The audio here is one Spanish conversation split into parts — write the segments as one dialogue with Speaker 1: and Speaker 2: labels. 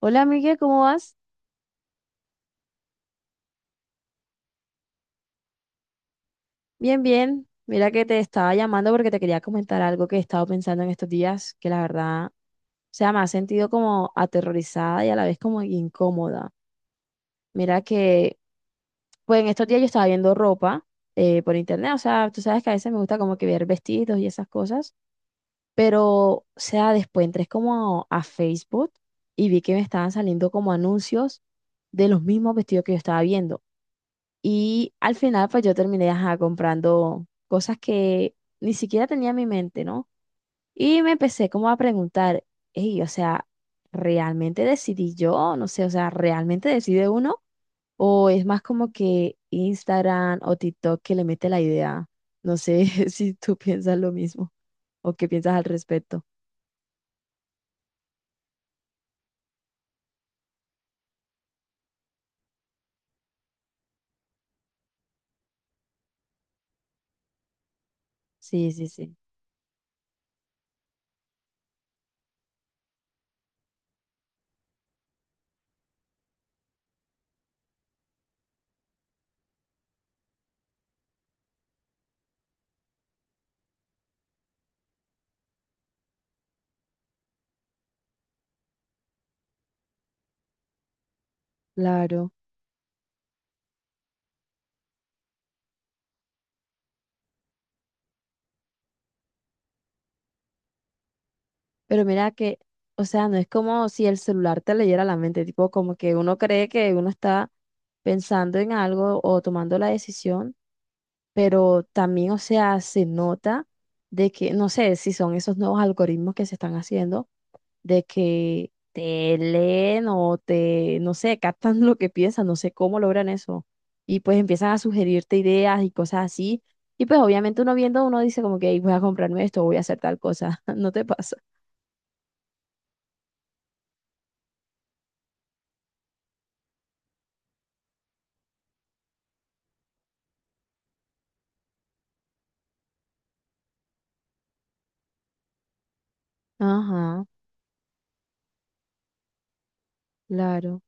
Speaker 1: Hola, Miguel, ¿cómo vas? Bien, bien. Mira que te estaba llamando porque te quería comentar algo que he estado pensando en estos días, que la verdad, o sea, me ha sentido como aterrorizada y a la vez como incómoda. Mira que, pues en estos días yo estaba viendo ropa por internet, o sea, tú sabes que a veces me gusta como que ver vestidos y esas cosas, pero, o sea, después entré como a Facebook y vi que me estaban saliendo como anuncios de los mismos vestidos que yo estaba viendo. Y al final, pues yo terminé ajá, comprando cosas que ni siquiera tenía en mi mente, ¿no? Y me empecé como a preguntar, hey, o sea, ¿realmente decidí yo? No sé, o sea, ¿realmente decide uno? ¿O es más como que Instagram o TikTok que le mete la idea? No sé si tú piensas lo mismo o qué piensas al respecto. Sí, sí, sí. Claro. Pero mira que, o sea, no es como si el celular te leyera la mente, tipo como que uno cree que uno está pensando en algo o tomando la decisión, pero también, o sea, se nota de que, no sé si son esos nuevos algoritmos que se están haciendo, de que te leen o te, no sé, captan lo que piensas, no sé cómo logran eso. Y pues empiezan a sugerirte ideas y cosas así. Y pues obviamente uno viendo, uno dice como que "Ey, voy a comprarme esto, voy a hacer tal cosa", ¿no te pasa? Ajá. Claro,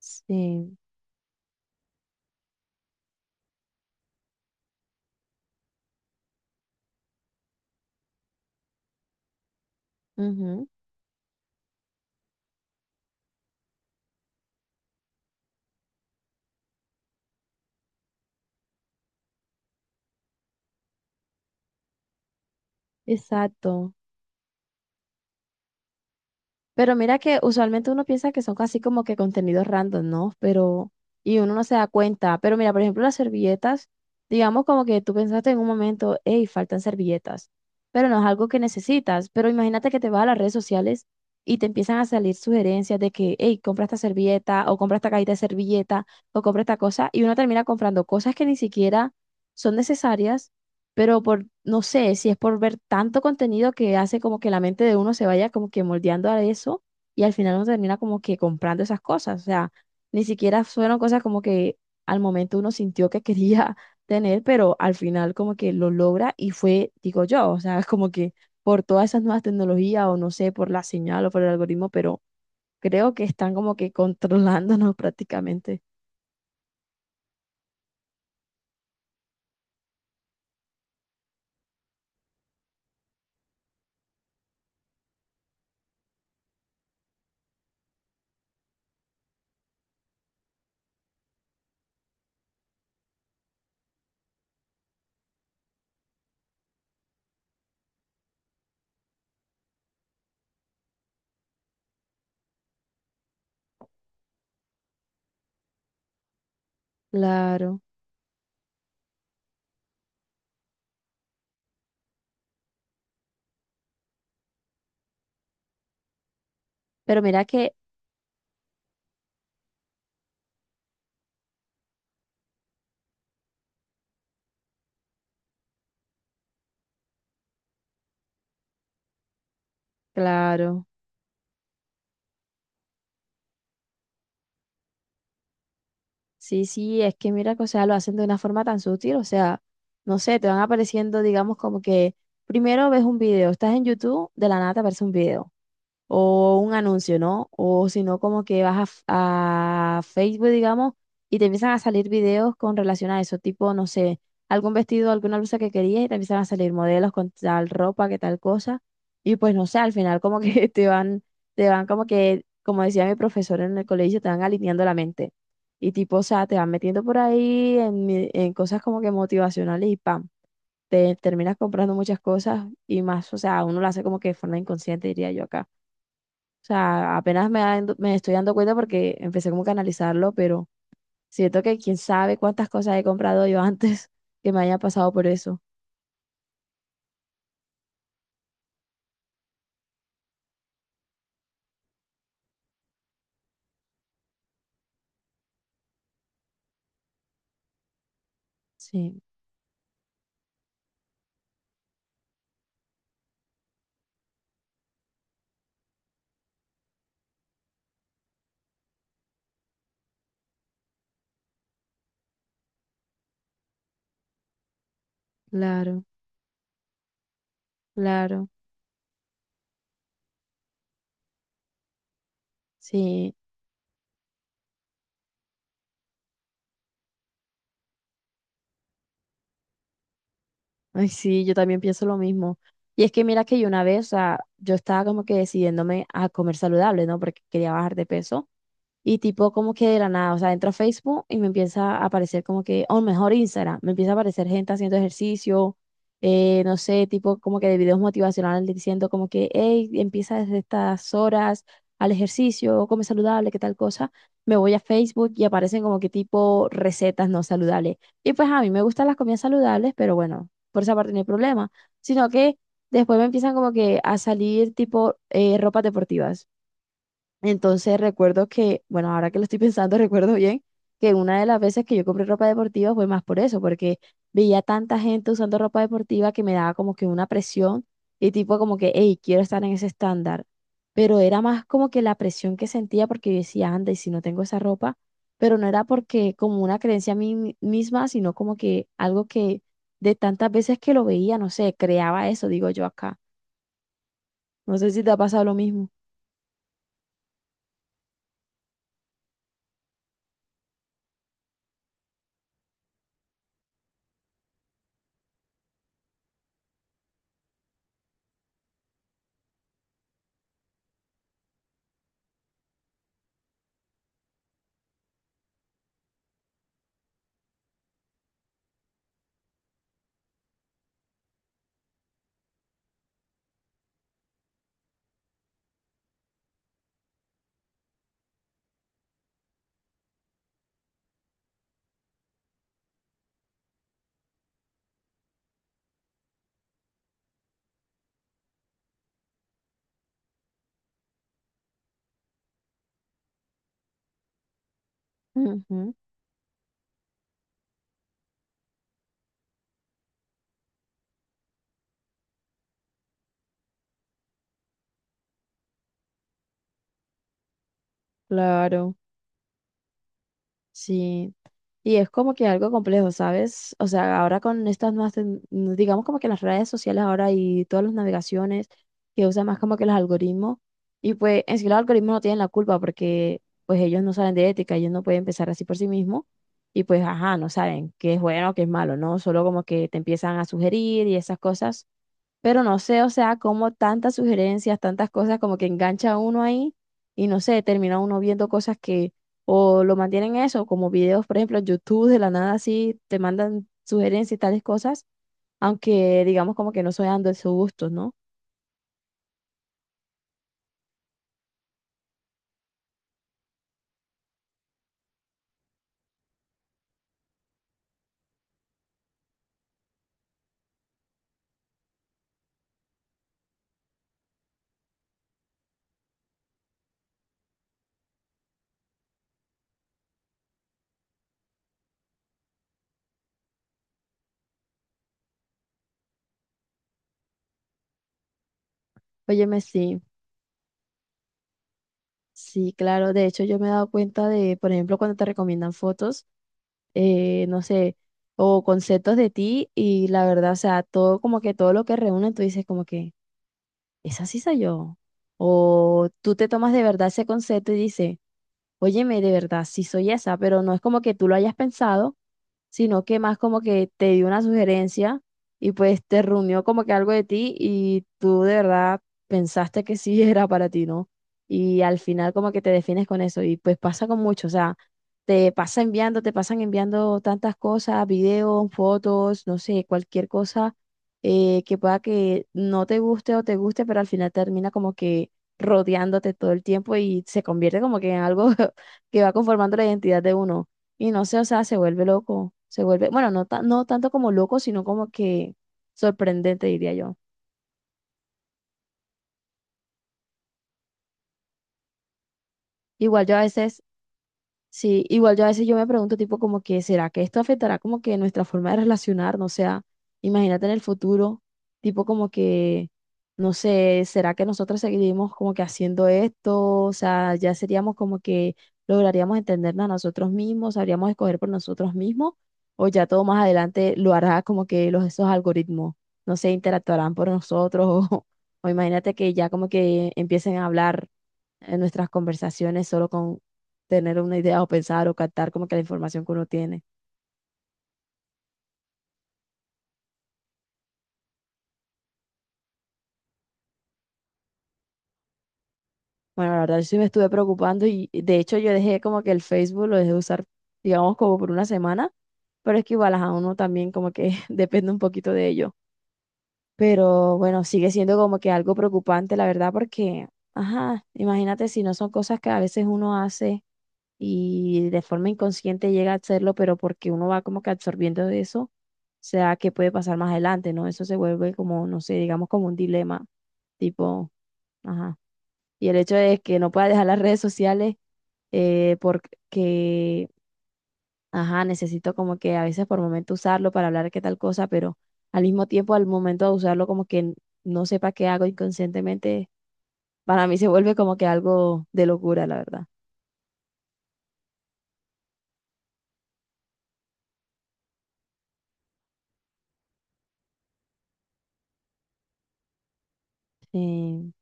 Speaker 1: sí. Ujú. Exacto. Pero mira que usualmente uno piensa que son casi como que contenidos random, ¿no? Pero, y uno no se da cuenta. Pero mira, por ejemplo, las servilletas, digamos como que tú pensaste en un momento, hey, faltan servilletas, pero no es algo que necesitas. Pero imagínate que te vas a las redes sociales y te empiezan a salir sugerencias de que, hey, compra esta servilleta, o compra esta cajita de servilleta, o compra esta cosa, y uno termina comprando cosas que ni siquiera son necesarias pero por, no sé, si es por ver tanto contenido que hace como que la mente de uno se vaya como que moldeando a eso y al final uno termina como que comprando esas cosas, o sea, ni siquiera fueron cosas como que al momento uno sintió que quería tener, pero al final como que lo logra y fue, digo yo, o sea, como que por todas esas nuevas tecnologías o no sé, por la señal o por el algoritmo, pero creo que están como que controlándonos prácticamente. Claro, pero mira que, claro. Sí, sí, es que mira que, o sea, lo hacen de una forma tan sutil, o sea, no sé, te van apareciendo, digamos, como que primero ves un video, estás en YouTube, de la nada te aparece un video o un anuncio, ¿no? O si no, como que vas a, f- a Facebook, digamos, y te empiezan a salir videos con relación a eso, tipo, no sé, algún vestido, alguna blusa que querías y te empiezan a salir modelos con tal ropa, que tal cosa, y pues no sé, al final como que te van como que, como decía mi profesor en el colegio, te van alineando la mente. Y tipo, o sea, te van metiendo por ahí en, mi- en cosas como que motivacionales y pam, te terminas comprando muchas cosas y más, o sea, uno lo hace como que de forma inconsciente, diría yo acá. O sea, apenas me, dando- me estoy dando cuenta porque empecé como que a analizarlo, pero siento que quién sabe cuántas cosas he comprado yo antes que me haya pasado por eso. Sí, claro, claro. Sí, ay, sí, yo también pienso lo mismo. Y es que mira que yo una vez, o sea, yo estaba como que decidiéndome a comer saludable, ¿no? Porque quería bajar de peso. Y tipo como que de la nada, o sea, entro a Facebook y me empieza a aparecer como que, o mejor Instagram, me empieza a aparecer gente haciendo ejercicio, no sé, tipo como que de videos motivacionales diciendo como que, hey, empieza desde estas horas al ejercicio, come saludable, qué tal cosa. Me voy a Facebook y aparecen como que tipo recetas no saludables. Y pues a mí me gustan las comidas saludables, pero bueno, por esa parte no hay problema, sino que después me empiezan como que a salir tipo ropas deportivas. Entonces recuerdo que, bueno, ahora que lo estoy pensando, recuerdo bien que una de las veces que yo compré ropa deportiva fue más por eso, porque veía tanta gente usando ropa deportiva que me daba como que una presión y tipo como que, hey, quiero estar en ese estándar. Pero era más como que la presión que sentía porque yo decía, anda, y si no tengo esa ropa, pero no era porque como una creencia a mí mi- misma, sino como que algo que de tantas veces que lo veía, no sé, creaba eso, digo yo acá. No sé si te ha pasado lo mismo. Ujú, claro. Sí, y es como que algo complejo, ¿sabes? O sea, ahora con estas nuevas, tec- digamos como que las redes sociales ahora y todas las navegaciones que usan más como que los algoritmos, y pues en sí los algoritmos no tienen la culpa porque pues ellos no saben de ética, ellos no pueden pensar así por sí mismos, y pues ajá, no saben qué es bueno, qué es malo, ¿no? Solo como que te empiezan a sugerir y esas cosas. Pero no sé, o sea, como tantas sugerencias, tantas cosas como que engancha a uno ahí y no sé, termina uno viendo cosas que o lo mantienen eso, como videos, por ejemplo, en YouTube de la nada así, te mandan sugerencias y tales cosas, aunque digamos como que no soy dando esos gustos, ¿no? Óyeme, sí, sí, claro, de hecho yo me he dado cuenta de, por ejemplo, cuando te recomiendan fotos, no sé, o conceptos de ti y la verdad, o sea, todo como que todo lo que reúnen, tú dices como que... esa sí soy yo. O tú te tomas de verdad ese concepto y dices, óyeme, de verdad, sí soy esa, pero no es como que tú lo hayas pensado sino que más como que te dio una sugerencia y pues te reunió como que algo de ti y tú de verdad pensaste que sí era para ti, ¿no? Y al final como que te defines con eso y pues pasa con mucho, o sea, te pasa enviando, te pasan enviando tantas cosas, videos, fotos, no sé, cualquier cosa que pueda que no te guste o te guste, pero al final termina como que rodeándote todo el tiempo y se convierte como que en algo que va conformando la identidad de uno. Y no sé, o sea, se vuelve loco, se vuelve, bueno, no, ta- no tanto como loco, sino como que sorprendente, diría yo. Igual yo a veces sí, igual yo a veces yo me pregunto tipo como que, ¿será que esto afectará como que nuestra forma de relacionarnos? O sea, imagínate en el futuro, tipo como que, no sé, ¿será que nosotros seguiremos como que haciendo esto? O sea, ya seríamos como que lograríamos entendernos a nosotros mismos, sabríamos escoger por nosotros mismos, o ya todo más adelante lo hará como que los, esos algoritmos, no sé, interactuarán por nosotros, o imagínate que ya como que empiecen a hablar en nuestras conversaciones solo tener una idea o pensar o captar como que la información que uno tiene. Bueno, la verdad yo sí me estuve preocupando y de hecho yo dejé como que el Facebook lo dejé de usar, digamos, como por una semana, pero es que igual a uno también como que depende un poquito de ello. Pero bueno, sigue siendo como que algo preocupante, la verdad, porque, ajá, imagínate si no son cosas que a veces uno hace y de forma inconsciente llega a hacerlo, pero porque uno va como que absorbiendo de eso, o sea, qué puede pasar más adelante, ¿no? Eso se vuelve como, no sé, digamos como un dilema, tipo, ajá. Y el hecho de que no pueda dejar las redes sociales porque, ajá, necesito como que a veces por momento usarlo para hablar qué tal cosa, pero al mismo tiempo, al momento de usarlo, como que n- no sepa qué hago inconscientemente, para mí se vuelve como que algo de locura, la verdad. Sí,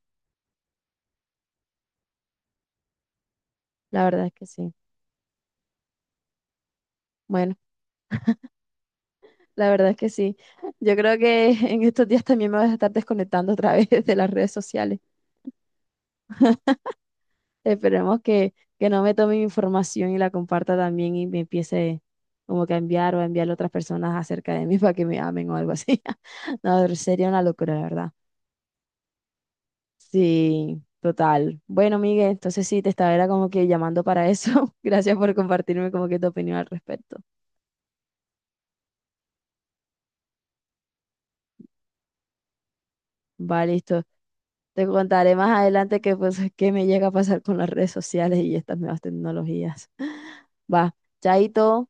Speaker 1: la verdad es que sí. Bueno. La verdad es que sí. Yo creo que en estos días también me voy a estar desconectando otra vez de las redes sociales. Esperemos que no me tome mi información y la comparta también y me empiece como que a enviar o a enviar a otras personas acerca de mí para que me amen o algo así. No, sería una locura, la verdad. Sí, total. Bueno, Miguel, entonces sí, te estaba era como que llamando para eso. Gracias por compartirme como que tu opinión al respecto. Va, listo. Te contaré más adelante qué pues, qué me llega a pasar con las redes sociales y estas nuevas tecnologías. Va, chaito.